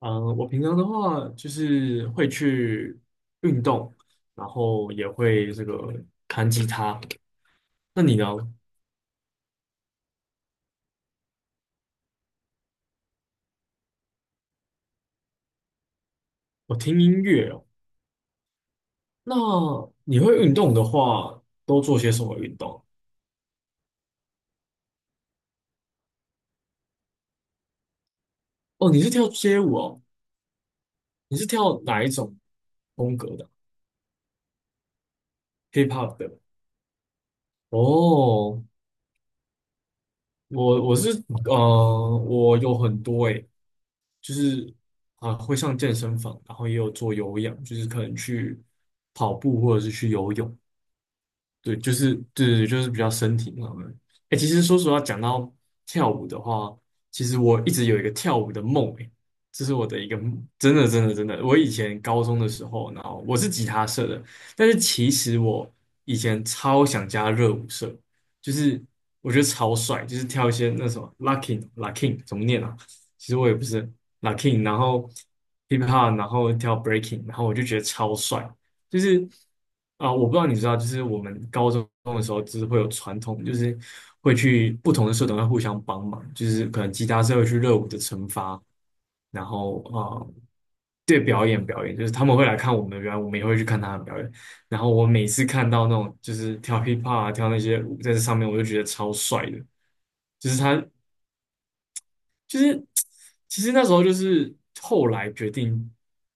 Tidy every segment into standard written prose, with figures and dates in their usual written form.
嗯，我平常的话就是会去运动，然后也会这个弹吉他。那你呢？我听音乐哦。那你会运动的话，都做些什么运动？哦，你是跳街舞哦？你是跳哪一种风格的？hip hop 的？哦，我我是我有很多诶，就是啊，会上健身房，然后也有做有氧，就是可能去跑步或者是去游泳。对，就是对对对，就是比较身体上面。哎，其实说实话，讲到跳舞的话，其实我一直有一个跳舞的梦，哎，这是我的一个梦真的真的真的。我以前高中的时候，然后我是吉他社的，但是其实我以前超想加热舞社，就是我觉得超帅，就是跳一些那什么 locking locking 怎么念啊？其实我也不是 locking，然后 hip hop，然后跳 breaking，然后我就觉得超帅。就是啊、我不知道你知道，就是我们高中的时候，就是会有传统，就是会去不同的社团会互相帮忙，就是可能其他社会去热舞的惩罚，然后啊、对表演表演，就是他们会来看我们的表演，我们也会去看他的表演。然后我每次看到那种就是跳 hip hop 啊，跳那些舞在这上面，我就觉得超帅的，就是他就是其实那时候就是后来决定，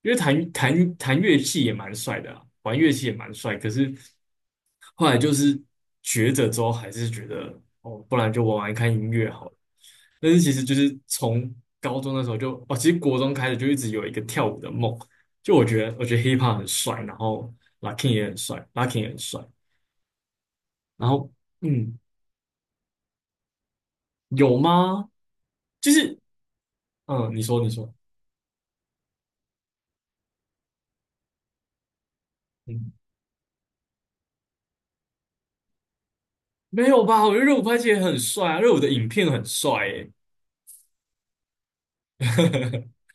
因为弹乐器也蛮帅的啊，玩乐器也蛮帅，可是后来就是学着之后，还是觉得哦，不然就玩玩看音乐好了。但是其实就是从高中那时候就哦，其实国中开始就一直有一个跳舞的梦，就我觉得 hiphop 很帅，然后 l o c k i n 也很帅 lockin 也很帅，然后嗯，有吗？就是嗯，你说你说，嗯。没有吧？我觉得热舞拍戏也很帅啊，热舞的影片很帅诶。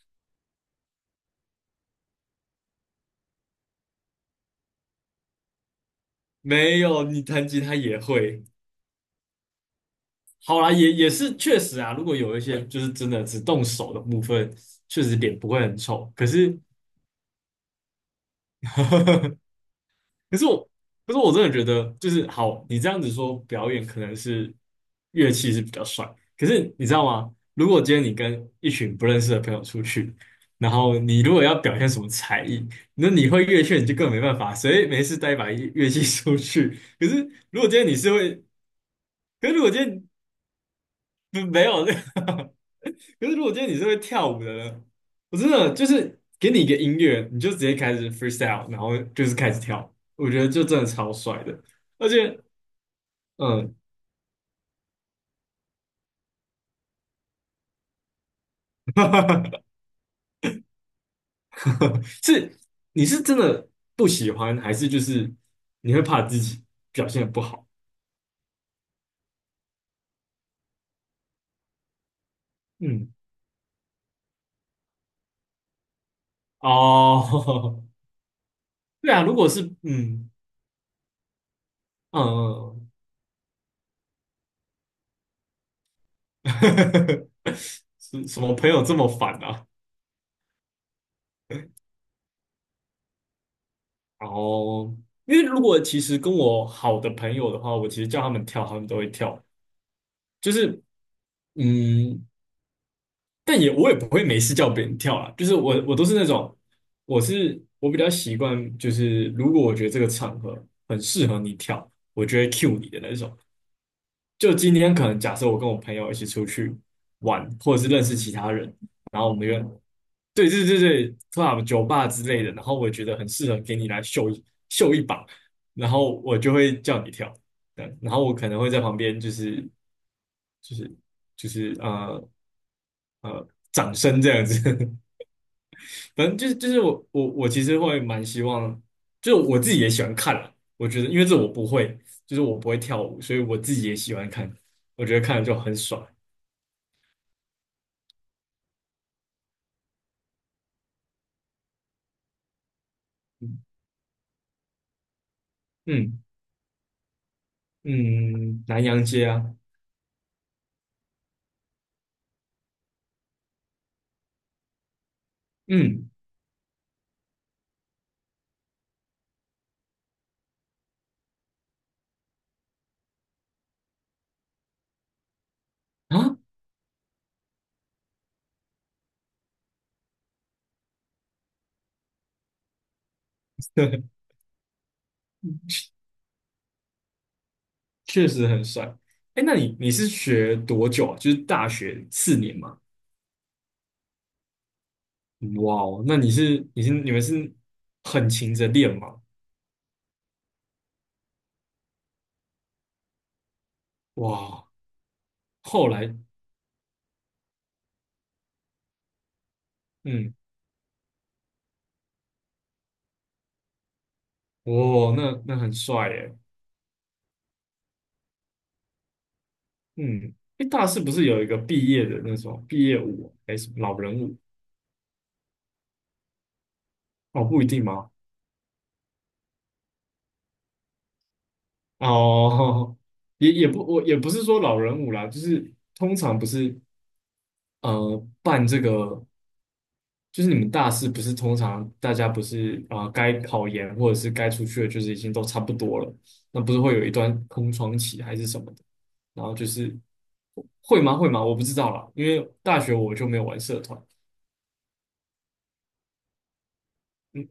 没有，你弹吉他也会。好啦，也是确实啊。如果有一些就是真的只动手的部分，确实脸不会很丑。可是 可是我，可是我真的觉得，就是好，你这样子说表演可能是乐器是比较帅，可是你知道吗？如果今天你跟一群不认识的朋友出去，然后你如果要表现什么才艺，那你会乐器你就更没办法，谁没事带一把乐器出去？可是如果今天你是会，可是如果今天没有，可是如果今天你是会跳舞的呢？我真的就是给你一个音乐，你就直接开始 freestyle，然后就是开始跳，我觉得就真的超帅的。而且，嗯，是你是真的不喜欢，还是就是你会怕自己表现得不好？嗯，哦，对啊，如果是嗯嗯嗯，嗯 是什么朋友这么烦啊哦，因为如果其实跟我好的朋友的话，我其实叫他们跳，他们都会跳。就是，嗯，我也不会没事叫别人跳啦。就是我都是那种，我比较习惯，就是如果我觉得这个场合很适合你跳，我就会 cue 你的那种。就今天可能假设我跟我朋友一起出去玩，或者是认识其他人，然后我们约对对对对，club 酒吧之类的，然后我觉得很适合给你来秀一秀一把，然后我就会叫你跳，对，然后我可能会在旁边就是就是就是掌声这样子，反正就是我其实会蛮希望，就是我自己也喜欢看了，我觉得因为这我不会，就是我不会跳舞，所以我自己也喜欢看，我觉得看了就很爽，嗯嗯，嗯南洋街啊，嗯啊。确实很帅。哎，那你是学多久啊？就是大学4年嘛？哇哦，那你们是很勤着练吗？哇，后来嗯，哇哦，那很帅耶。嗯，哎，大四不是有一个毕业的那种毕业舞，还是老人舞？哦，不一定吗？哦，也也不我也不是说老人舞啦，就是通常不是办这个就是你们大四不是通常大家不是啊、该考研或者是该出去的，就是已经都差不多了，那不是会有一段空窗期还是什么的？然后就是会吗？会吗？我不知道了，因为大学我就没有玩社团，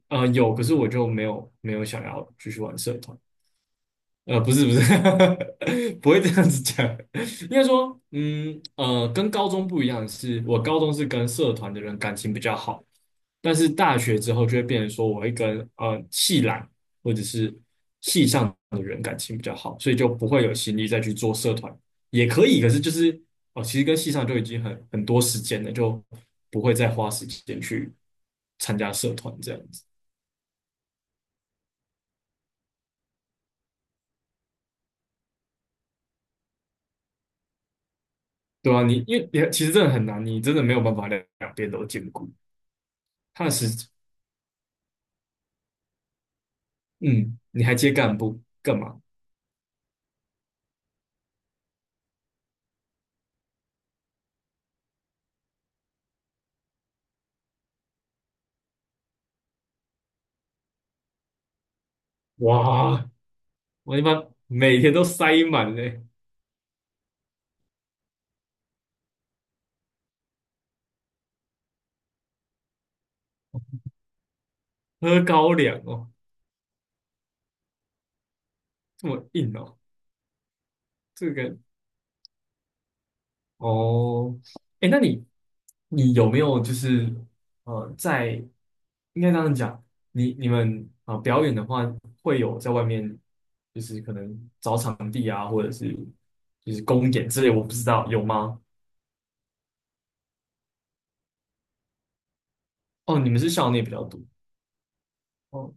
有，可是我就没有想要继续玩社团。不是不是，不会这样子讲。应该说，跟高中不一样的是，我高中是跟社团的人感情比较好，但是大学之后就会变成说，我会跟系揽或者是系上的人感情比较好，所以就不会有心力再去做社团，也可以，可是就是哦，其实跟系上就已经很多时间了，就不会再花时间去参加社团这样子，对啊，你因为你其实真的很难，你真的没有办法两边都兼顾。他的时，嗯，你还接干部干嘛？哇，我一般每天都塞满嘞，喝高粱哦，这么硬哦，这个哦，哎，那你有没有就是呃，在应该这样讲，你们啊、表演的话，会有在外面就是可能找场地啊，或者是就是公演之类，我不知道有吗？哦，你们是校内比较多。哦。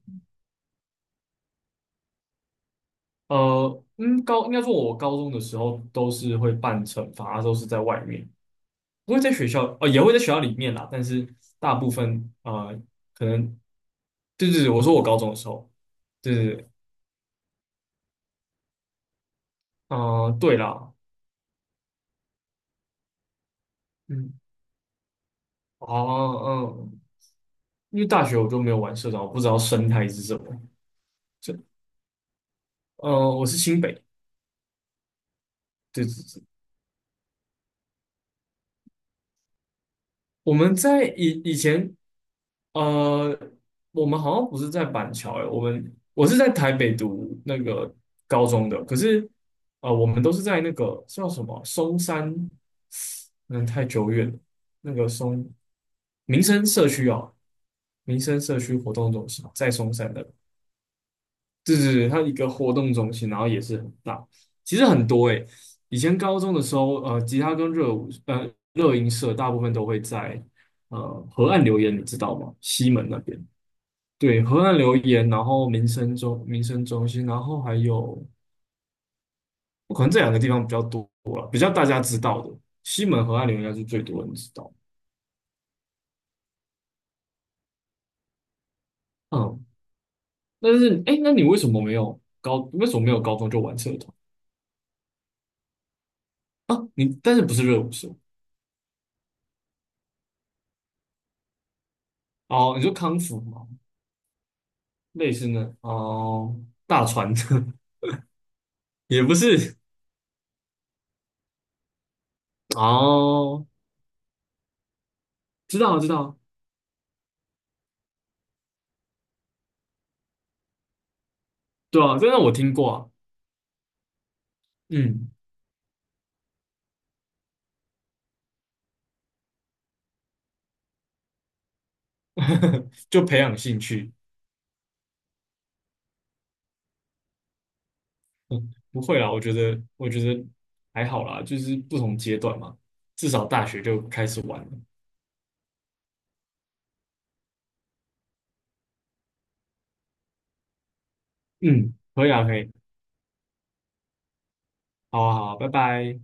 应该说，我高中的时候都是会办惩罚，都是在外面，不会在学校，也会在学校里面啦，但是大部分可能，对对对，我说我高中的时候，对对对，对啦，嗯，哦，嗯，因为大学我就没有玩社团，我不知道生态是什么，这，呃，我是新北，对对对，我们在以前呃，我们好像不是在板桥诶，我是在台北读那个高中的，可是我们都是在那个叫什么松山，嗯，太久远了，那个松民生社区啊，民生社区活动中心啊在松山的，对对对，它一个活动中心，然后也是很大，其实很多诶，以前高中的时候，吉他跟热舞，热音社大部分都会在河岸留言，你知道吗？西门那边。对，河岸留言，然后民生中心，然后还有可能这两个地方比较多了，比较大家知道的。西门河岸留言应该是最多人知道。嗯，但是哎，诶那你为什么没有高？为什么没有高中就玩社团啊？你但是不是热舞社？哦，你说康复吗？类似呢？哦，大船 也不是哦，知道了知道了，对啊，真的我听过啊。嗯，就培养兴趣。嗯，不会啦，我觉得还好啦，就是不同阶段嘛，至少大学就开始玩了。嗯，可以啊，可以，好啊，好啊，拜拜。